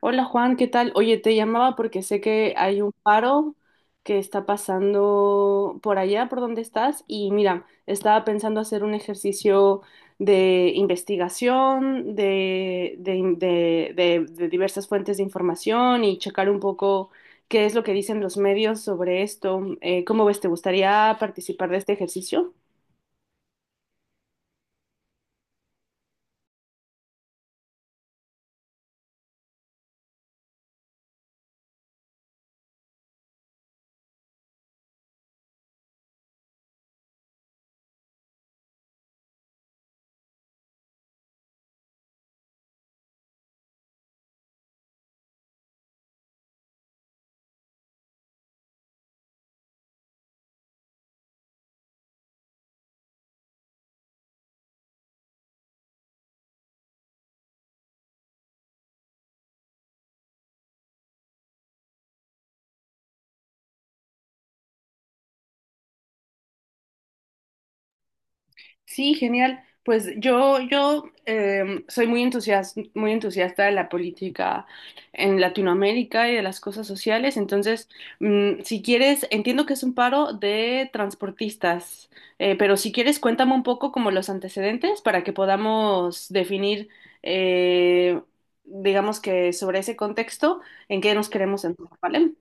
Hola Juan, ¿qué tal? Oye, te llamaba porque sé que hay un paro que está pasando por allá, por donde estás, y mira, estaba pensando hacer un ejercicio de investigación, de diversas fuentes de información y checar un poco qué es lo que dicen los medios sobre esto. ¿Cómo ves? ¿Te gustaría participar de este ejercicio? Sí, genial. Pues yo soy muy entusiasta de la política en Latinoamérica y de las cosas sociales. Entonces, si quieres, entiendo que es un paro de transportistas, pero si quieres, cuéntame un poco como los antecedentes para que podamos definir, eh, digamos que sobre ese contexto, en qué nos queremos enfocar, ¿vale?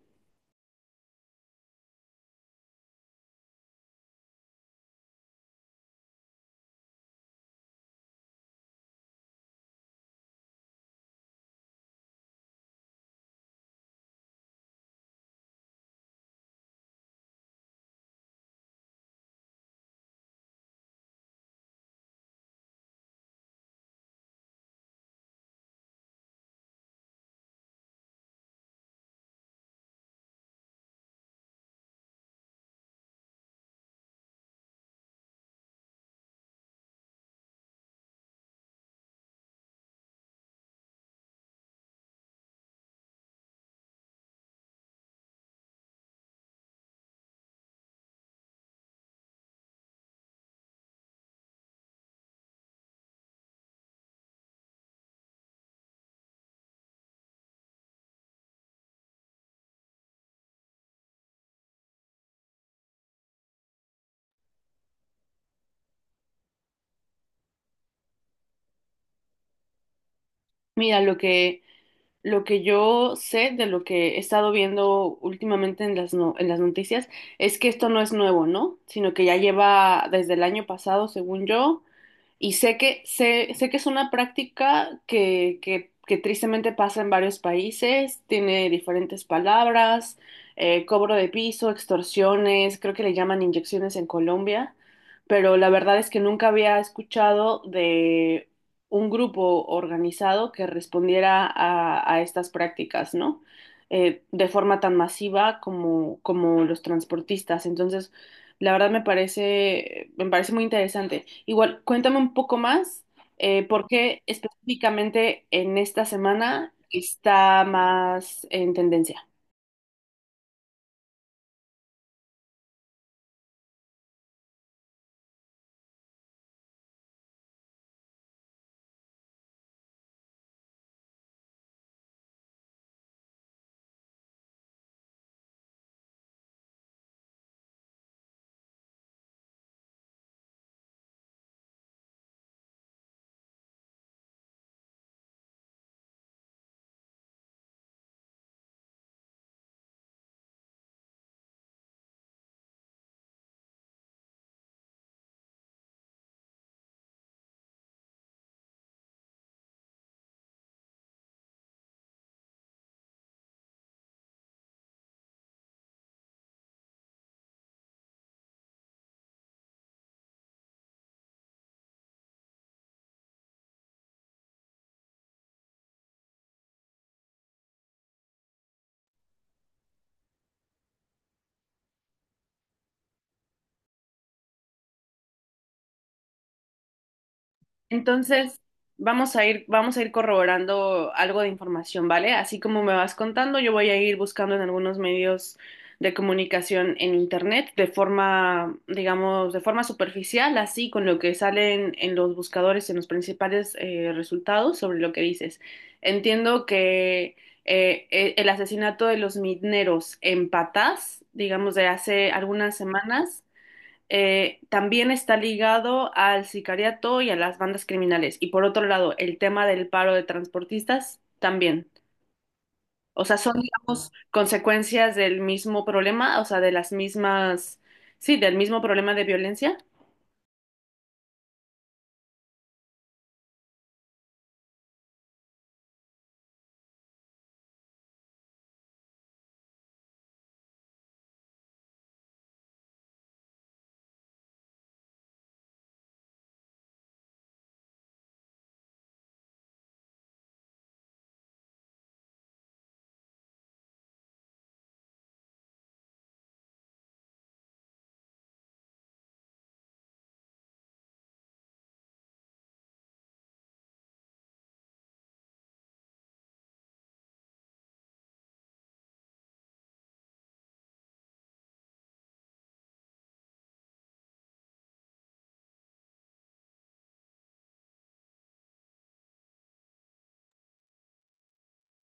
Mira, lo que yo sé de lo que he estado viendo últimamente en las, no- en las noticias es que esto no es nuevo, ¿no? Sino que ya lleva desde el año pasado, según yo, y sé que es una práctica que tristemente pasa en varios países, tiene diferentes palabras, cobro de piso, extorsiones, creo que le llaman inyecciones en Colombia, pero la verdad es que nunca había escuchado de un grupo organizado que respondiera a estas prácticas, ¿no? De forma tan masiva como, como los transportistas. Entonces, la verdad me parece muy interesante. Igual, cuéntame un poco más por qué específicamente en esta semana está más en tendencia. Entonces, vamos a ir corroborando algo de información, ¿vale? Así como me vas contando, yo voy a ir buscando en algunos medios de comunicación en internet de forma, digamos, de forma superficial, así con lo que salen en los buscadores, en los principales resultados sobre lo que dices. Entiendo que el asesinato de los mineros en Patás, digamos, de hace algunas semanas también está ligado al sicariato y a las bandas criminales. Y por otro lado, el tema del paro de transportistas también. O sea, son, digamos, consecuencias del mismo problema, o sea, de las sí, del mismo problema de violencia.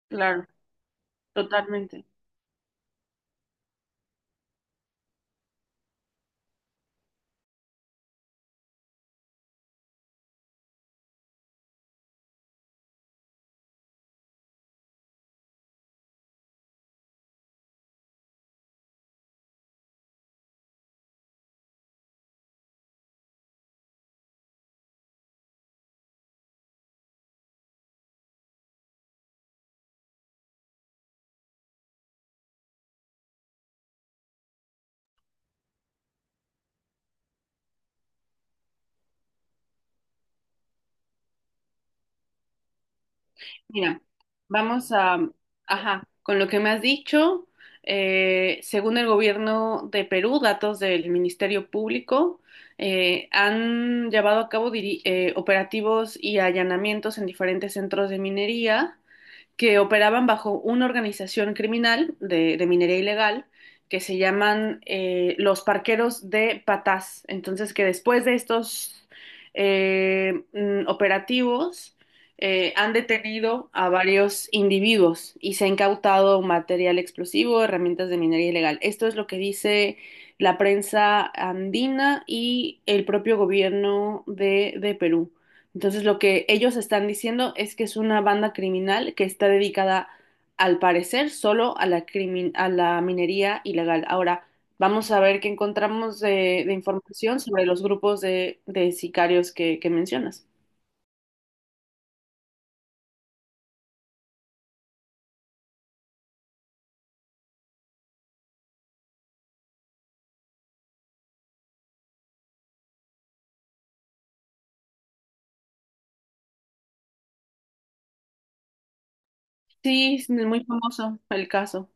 Claro, totalmente. Mira, vamos a, ajá, con lo que me has dicho, según el gobierno de Perú, datos del Ministerio Público, han llevado a cabo operativos y allanamientos en diferentes centros de minería que operaban bajo una organización criminal de minería ilegal que se llaman los parqueros de Patás. Entonces, que después de estos operativos han detenido a varios individuos y se ha incautado material explosivo, herramientas de minería ilegal. Esto es lo que dice la prensa andina y el propio gobierno de Perú. Entonces lo que ellos están diciendo es que es una banda criminal que está dedicada, al parecer, solo a a la minería ilegal. Ahora, vamos a ver qué encontramos de información sobre los grupos de sicarios que mencionas. Sí, es muy famoso el caso.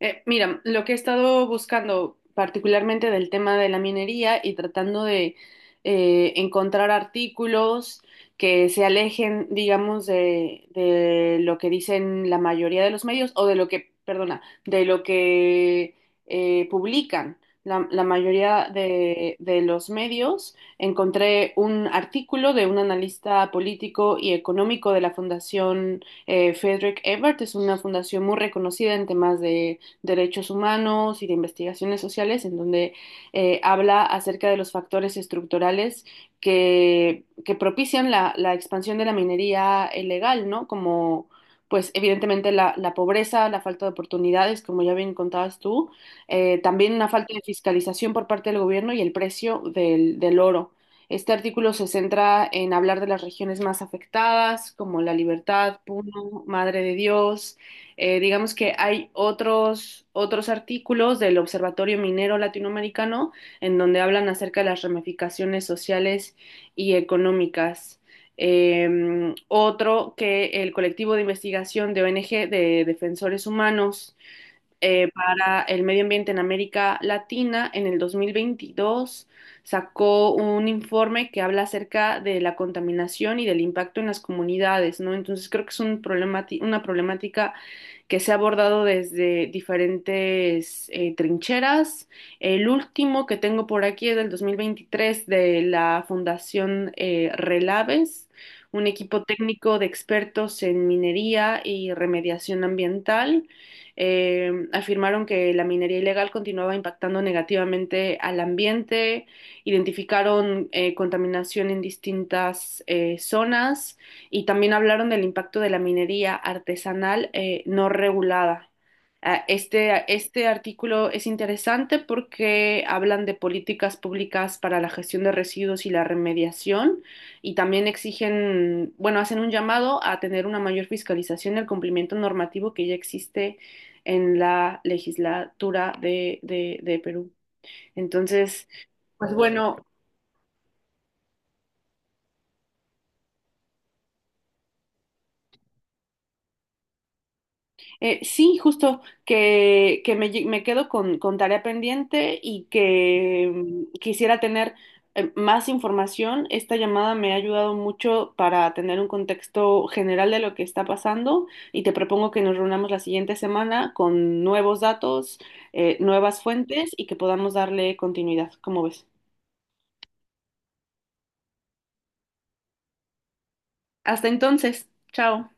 Mira, lo que he estado buscando particularmente del tema de la minería y tratando de encontrar artículos que se alejen, digamos, de lo que dicen la mayoría de los medios o de lo que, perdona, de lo que publican la mayoría de los medios. Encontré un artículo de un analista político y económico de la Fundación Frederick Ebert. Es una fundación muy reconocida en temas de derechos humanos y de investigaciones sociales, en donde habla acerca de los factores estructurales que propician la expansión de la minería ilegal, ¿no? Como, pues evidentemente la pobreza, la falta de oportunidades, como ya bien contabas tú, también una falta de fiscalización por parte del gobierno y el precio del oro. Este artículo se centra en hablar de las regiones más afectadas, como La Libertad, Puno, Madre de Dios, digamos que hay otros artículos del Observatorio Minero Latinoamericano en donde hablan acerca de las ramificaciones sociales y económicas. Otro que el colectivo de investigación de ONG de Defensores Humanos para el Medio Ambiente en América Latina en el 2022 sacó un informe que habla acerca de la contaminación y del impacto en las comunidades, ¿no? Entonces creo que es un una problemática que se ha abordado desde diferentes trincheras. El último que tengo por aquí es del 2023 de la Fundación Relaves, un equipo técnico de expertos en minería y remediación ambiental. Afirmaron que la minería ilegal continuaba impactando negativamente al ambiente, identificaron contaminación en distintas zonas y también hablaron del impacto de la minería artesanal no regulada. Este artículo es interesante porque hablan de políticas públicas para la gestión de residuos y la remediación y también exigen, bueno, hacen un llamado a tener una mayor fiscalización del cumplimiento normativo que ya existe en la legislatura de Perú. Entonces, pues bueno, sí, justo que me quedo con tarea pendiente y que quisiera tener más información. Esta llamada me ha ayudado mucho para tener un contexto general de lo que está pasando y te propongo que nos reunamos la siguiente semana con nuevos datos, nuevas fuentes y que podamos darle continuidad. ¿Cómo ves? Hasta entonces, chao.